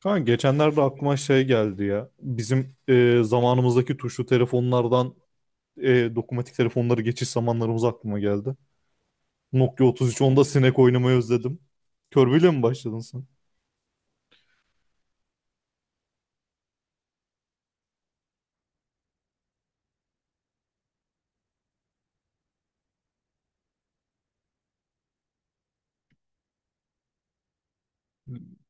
Kanka geçenlerde aklıma şey geldi ya. Bizim zamanımızdaki tuşlu telefonlardan dokunmatik telefonları geçiş zamanlarımız aklıma geldi. Nokia 3310'da sinek oynamayı özledim. Körbeyle mi başladın sen?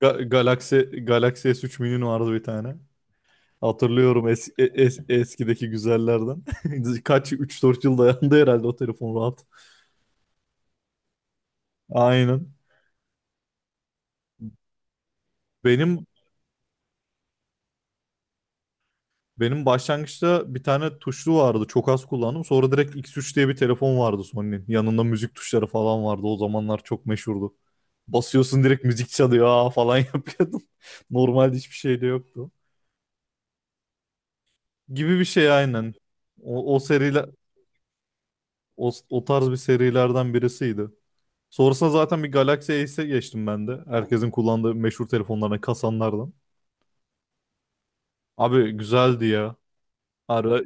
Galaxy, Galaxy S3 Mini'nin vardı bir tane. Hatırlıyorum eskideki güzellerden. Kaç üç dört yıl dayandı herhalde o telefon rahat. Aynen. Benim Benim başlangıçta bir tane tuşlu vardı. Çok az kullandım. Sonra direkt X3 diye bir telefon vardı Sony'nin. Yanında müzik tuşları falan vardı. O zamanlar çok meşhurdu. Basıyorsun direkt müzik çalıyor, aa falan yapıyordum. Normalde hiçbir şey de yoktu. Gibi bir şey aynen. O seriler, o tarz bir serilerden birisiydi. Sonrasında zaten bir Galaxy Ace geçtim ben de. Herkesin kullandığı meşhur telefonlarına kasanlardan. Abi güzeldi ya. Ara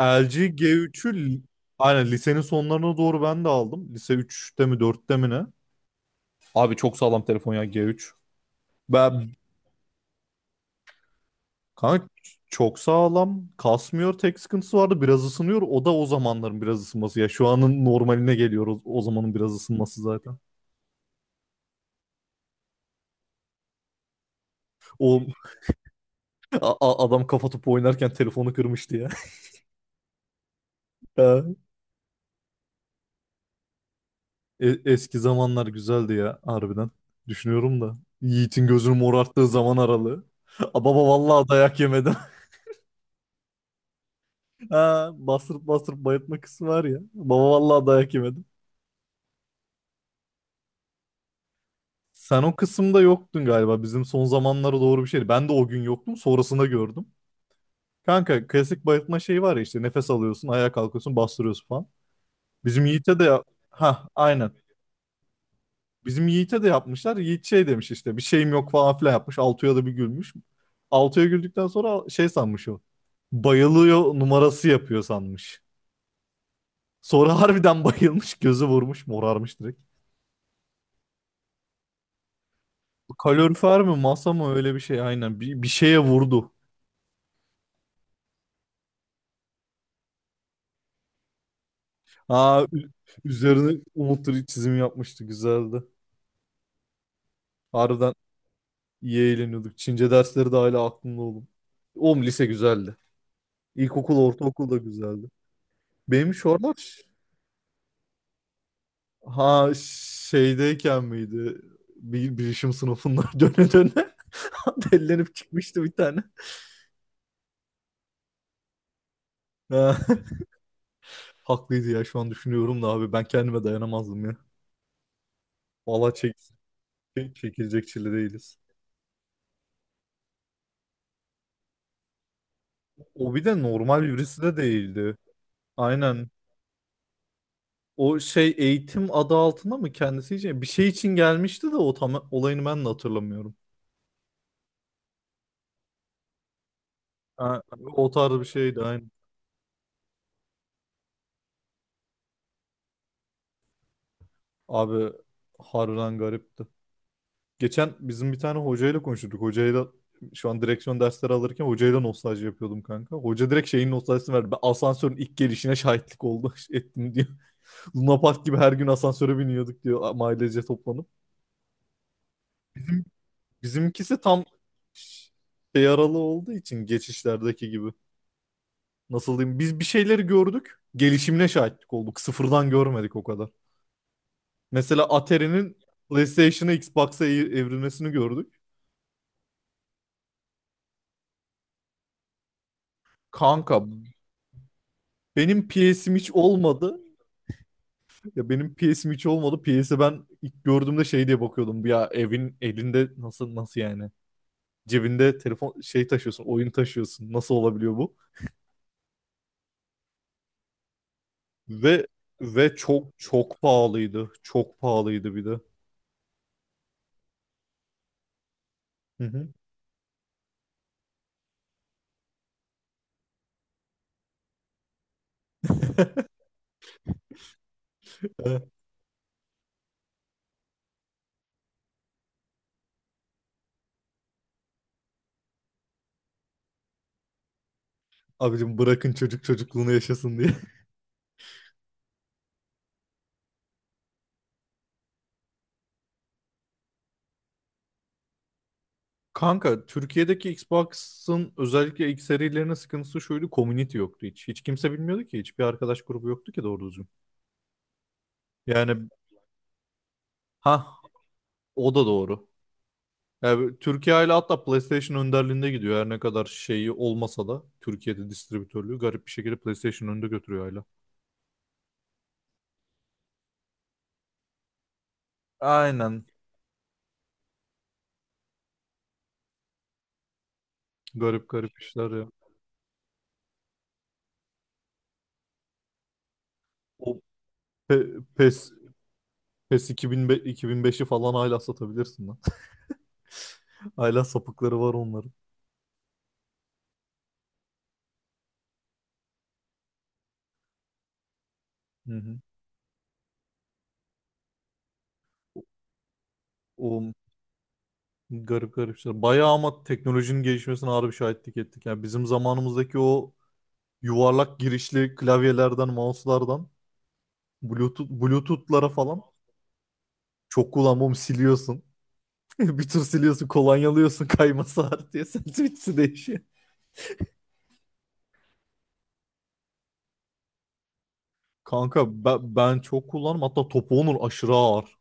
LG aynen lisenin sonlarına doğru ben de aldım. Lise üçte mi dörtte mi ne? Abi çok sağlam telefon ya G3. Ben kanka çok sağlam. Kasmıyor, tek sıkıntısı vardı. Biraz ısınıyor. O da o zamanların biraz ısınması. Ya şu anın normaline geliyor o zamanın biraz ısınması zaten. O adam kafa topu oynarken telefonu kırmıştı ya. Ha, eski zamanlar güzeldi ya harbiden. Düşünüyorum da. Yiğit'in gözünü morarttığı zaman aralığı. Aa, Baba vallahi dayak yemedim. Ha, bastırıp bastırıp bayıltma kısmı var ya. Baba vallahi dayak yemedim. Sen o kısımda yoktun galiba. Bizim son zamanlara doğru bir şeydi. Ben de o gün yoktum. Sonrasında gördüm. Kanka klasik bayıltma şeyi var ya, işte nefes alıyorsun, ayağa kalkıyorsun, bastırıyorsun falan. Bizim Yiğit'e de ha, aynen. Bizim Yiğit'e de yapmışlar. Yiğit şey demiş, işte bir şeyim yok falan filan yapmış. Altuğ'a da bir gülmüş. Altuğ'a güldükten sonra şey sanmış o. Bayılıyor numarası yapıyor sanmış. Sonra harbiden bayılmış, gözü vurmuş, morarmış. Kalorifer mi masa mı öyle bir şey aynen bir şeye vurdu. Aa, üzerine Umut'un çizim yapmıştı, güzeldi. Harbiden iyi eğleniyorduk. Çince dersleri de hala aklımda oğlum. Oğlum lise güzeldi. İlkokul, ortaokul da güzeldi. Benim şu aralar, ha, şeydeyken miydi? Bir bilişim sınıfından döne döne dellenip çıkmıştı bir tane. Ha, haklıydı ya, şu an düşünüyorum da abi ben kendime dayanamazdım ya. Valla çekilecek çile değiliz. O bir de normal birisi de değildi. Aynen. O şey eğitim adı altında mı kendisi için? Bir şey için gelmişti de, o tam olayını ben de hatırlamıyorum. Ha, o tarz bir şeydi aynı. Abi harbiden garipti. Geçen bizim bir tane hocayla konuştuk. Hocayla şu an direksiyon dersleri alırken hocayla nostalji yapıyordum kanka. Hoca direkt şeyin nostaljisini verdi. Ben asansörün ilk gelişine şahitlik oldu ettim diyor. Luna Park gibi her gün asansöre biniyorduk diyor ailece toplanıp. Bizimkisi tam şey aralığı olduğu için geçişlerdeki gibi. Nasıl diyeyim? Biz bir şeyleri gördük. Gelişimine şahitlik olduk. Sıfırdan görmedik o kadar. Mesela Atari'nin PlayStation'a Xbox'a evrilmesini gördük. Kanka benim PS'im hiç olmadı. Ya benim PS'im hiç olmadı. PS'i ben ilk gördüğümde şey diye bakıyordum. Ya evin elinde, nasıl nasıl yani? Cebinde telefon şey taşıyorsun, oyun taşıyorsun. Nasıl olabiliyor bu? Ve ve çok çok pahalıydı. Çok pahalıydı bir de. Hı hı. Abicim, bırakın çocuk çocukluğunu yaşasın diye. Kanka Türkiye'deki Xbox'ın özellikle ilk serilerinin sıkıntısı şuydu. Community yoktu hiç. Hiç kimse bilmiyordu ki. Hiçbir arkadaş grubu yoktu ki doğru düzgün. Yani, ha, o da doğru. Yani Türkiye ile hatta PlayStation önderliğinde gidiyor. Her ne kadar şeyi olmasa da, Türkiye'de distribütörlüğü garip bir şekilde PlayStation önde götürüyor hala. Aynen. Garip garip işler ya. O, PES, PES 2005, 2005'i falan hala satabilirsin lan. Hala sapıkları var onların. Hı hı. O garip garip şeyler. Bayağı ama teknolojinin gelişmesine harbi şahitlik ettik. Yani bizim zamanımızdaki o yuvarlak girişli klavyelerden, mouse'lardan, Bluetooth, Bluetooth'lara falan çok kullanmam, siliyorsun. Bir tür siliyorsun, kolonyalıyorsun, kayması var diye. Sentimizi değişiyor. Kanka ben çok kullanırım. Hatta topu onun aşırı ağır.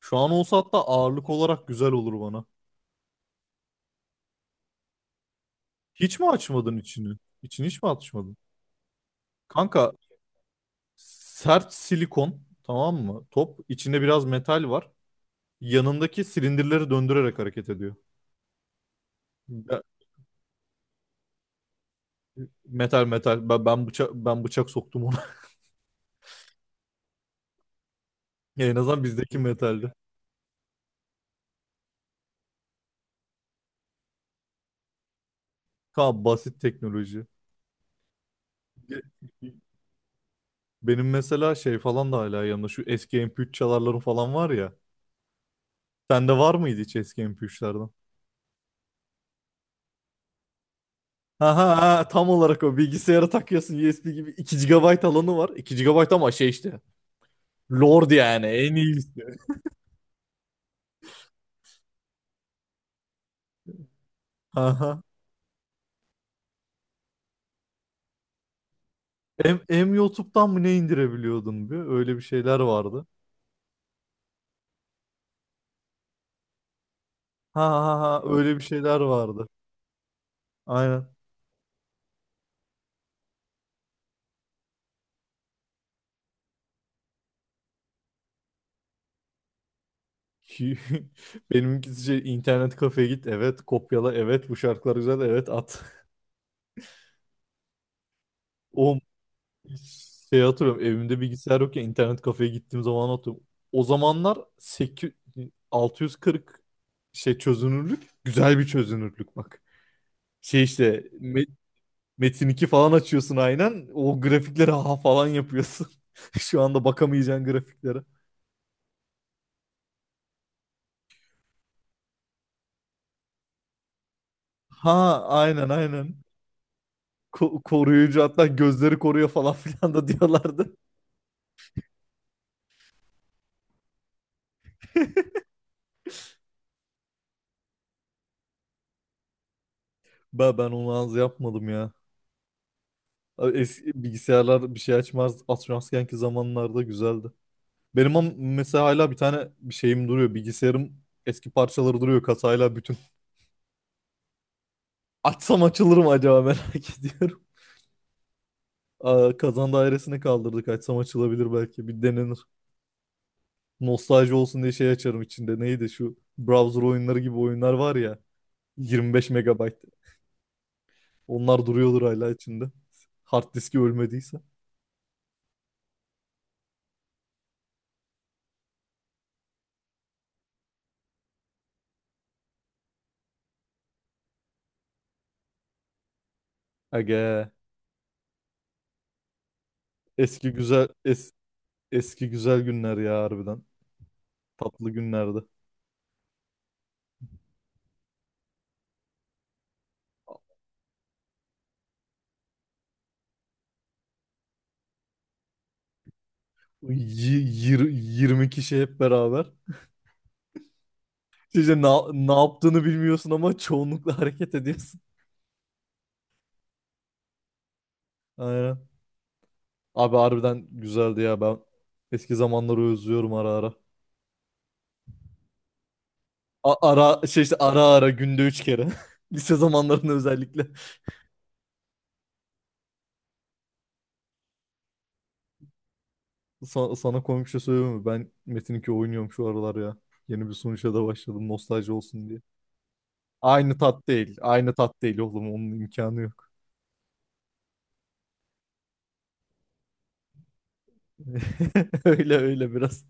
Şu an olsa hatta ağırlık olarak güzel olur bana. Hiç mi açmadın içini? İçini hiç mi açmadın? Kanka sert silikon, tamam mı? Top içinde biraz metal var. Yanındaki silindirleri döndürerek hareket ediyor. Ya, metal metal. Ben bıçak soktum ona. Ya, en azından bizdeki metaldi. Tamam, basit teknoloji. Ge- Benim mesela şey falan da hala yanımda. Şu eski MP3 çalarları falan var ya. Sende var mıydı hiç eski MP3'lerden? Ha ha ha, tam olarak o, bilgisayara takıyorsun USB gibi, 2 gigabayt alanı var. 2 gigabayt ama şey işte. Lord yani en iyisi. Aha. M M YouTube'dan mı ne indirebiliyordun bir? Öyle bir şeyler vardı. Ha ha ha, öyle bir şeyler vardı. Aynen. Ki- Benimkisi şey, internet kafeye git, evet, kopyala, evet, bu şarkılar güzel, evet, at. O şey hatırlıyorum, evimde bilgisayar yok ya, internet kafeye gittiğim zaman atıyorum. O zamanlar 8, 640 şey çözünürlük, güzel bir çözünürlük bak. Şey işte Metin iki falan açıyorsun aynen. O grafiklere ha falan yapıyorsun. Şu anda bakamayacağın grafiklere. Ha, aynen aynen. Koruyucu, hatta gözleri koruyor falan filan da diyorlardı. Ben onu az yapmadım ya. Abi eski bilgisayarlar bir şey açmaz. Atmazkenki zamanlarda güzeldi. Benim mesela hala bir tane bir şeyim duruyor. Bilgisayarım, eski parçaları duruyor kasayla bütün. Açsam açılır mı acaba, merak ediyorum. Aa, kazan dairesini kaldırdık. Açsam açılabilir belki. Bir denenir. Nostalji olsun diye şey açarım içinde. Neydi şu browser oyunları gibi oyunlar var ya. 25 megabayt. Onlar duruyordur hala içinde. Hard diski ölmediyse. Aga, eski güzel es- eski güzel günler ya harbiden. Tatlı günlerdi. Yirmi kişi hep beraber. İşte ne yaptığını bilmiyorsun ama çoğunlukla hareket ediyorsun. Aynen. Abi harbiden güzeldi ya, ben eski zamanları özlüyorum ara ara. Ara şey işte, ara ara günde üç kere. Lise zamanlarında özellikle. Sana komik bir şey söyleyeyim mi? Ben Metin2 oynuyorum şu aralar ya. Yeni bir sunuşa da başladım nostalji olsun diye. Aynı tat değil. Aynı tat değil oğlum. Onun imkanı yok. Öyle öyle biraz.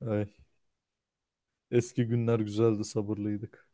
Ay, eski günler güzeldi, sabırlıydık.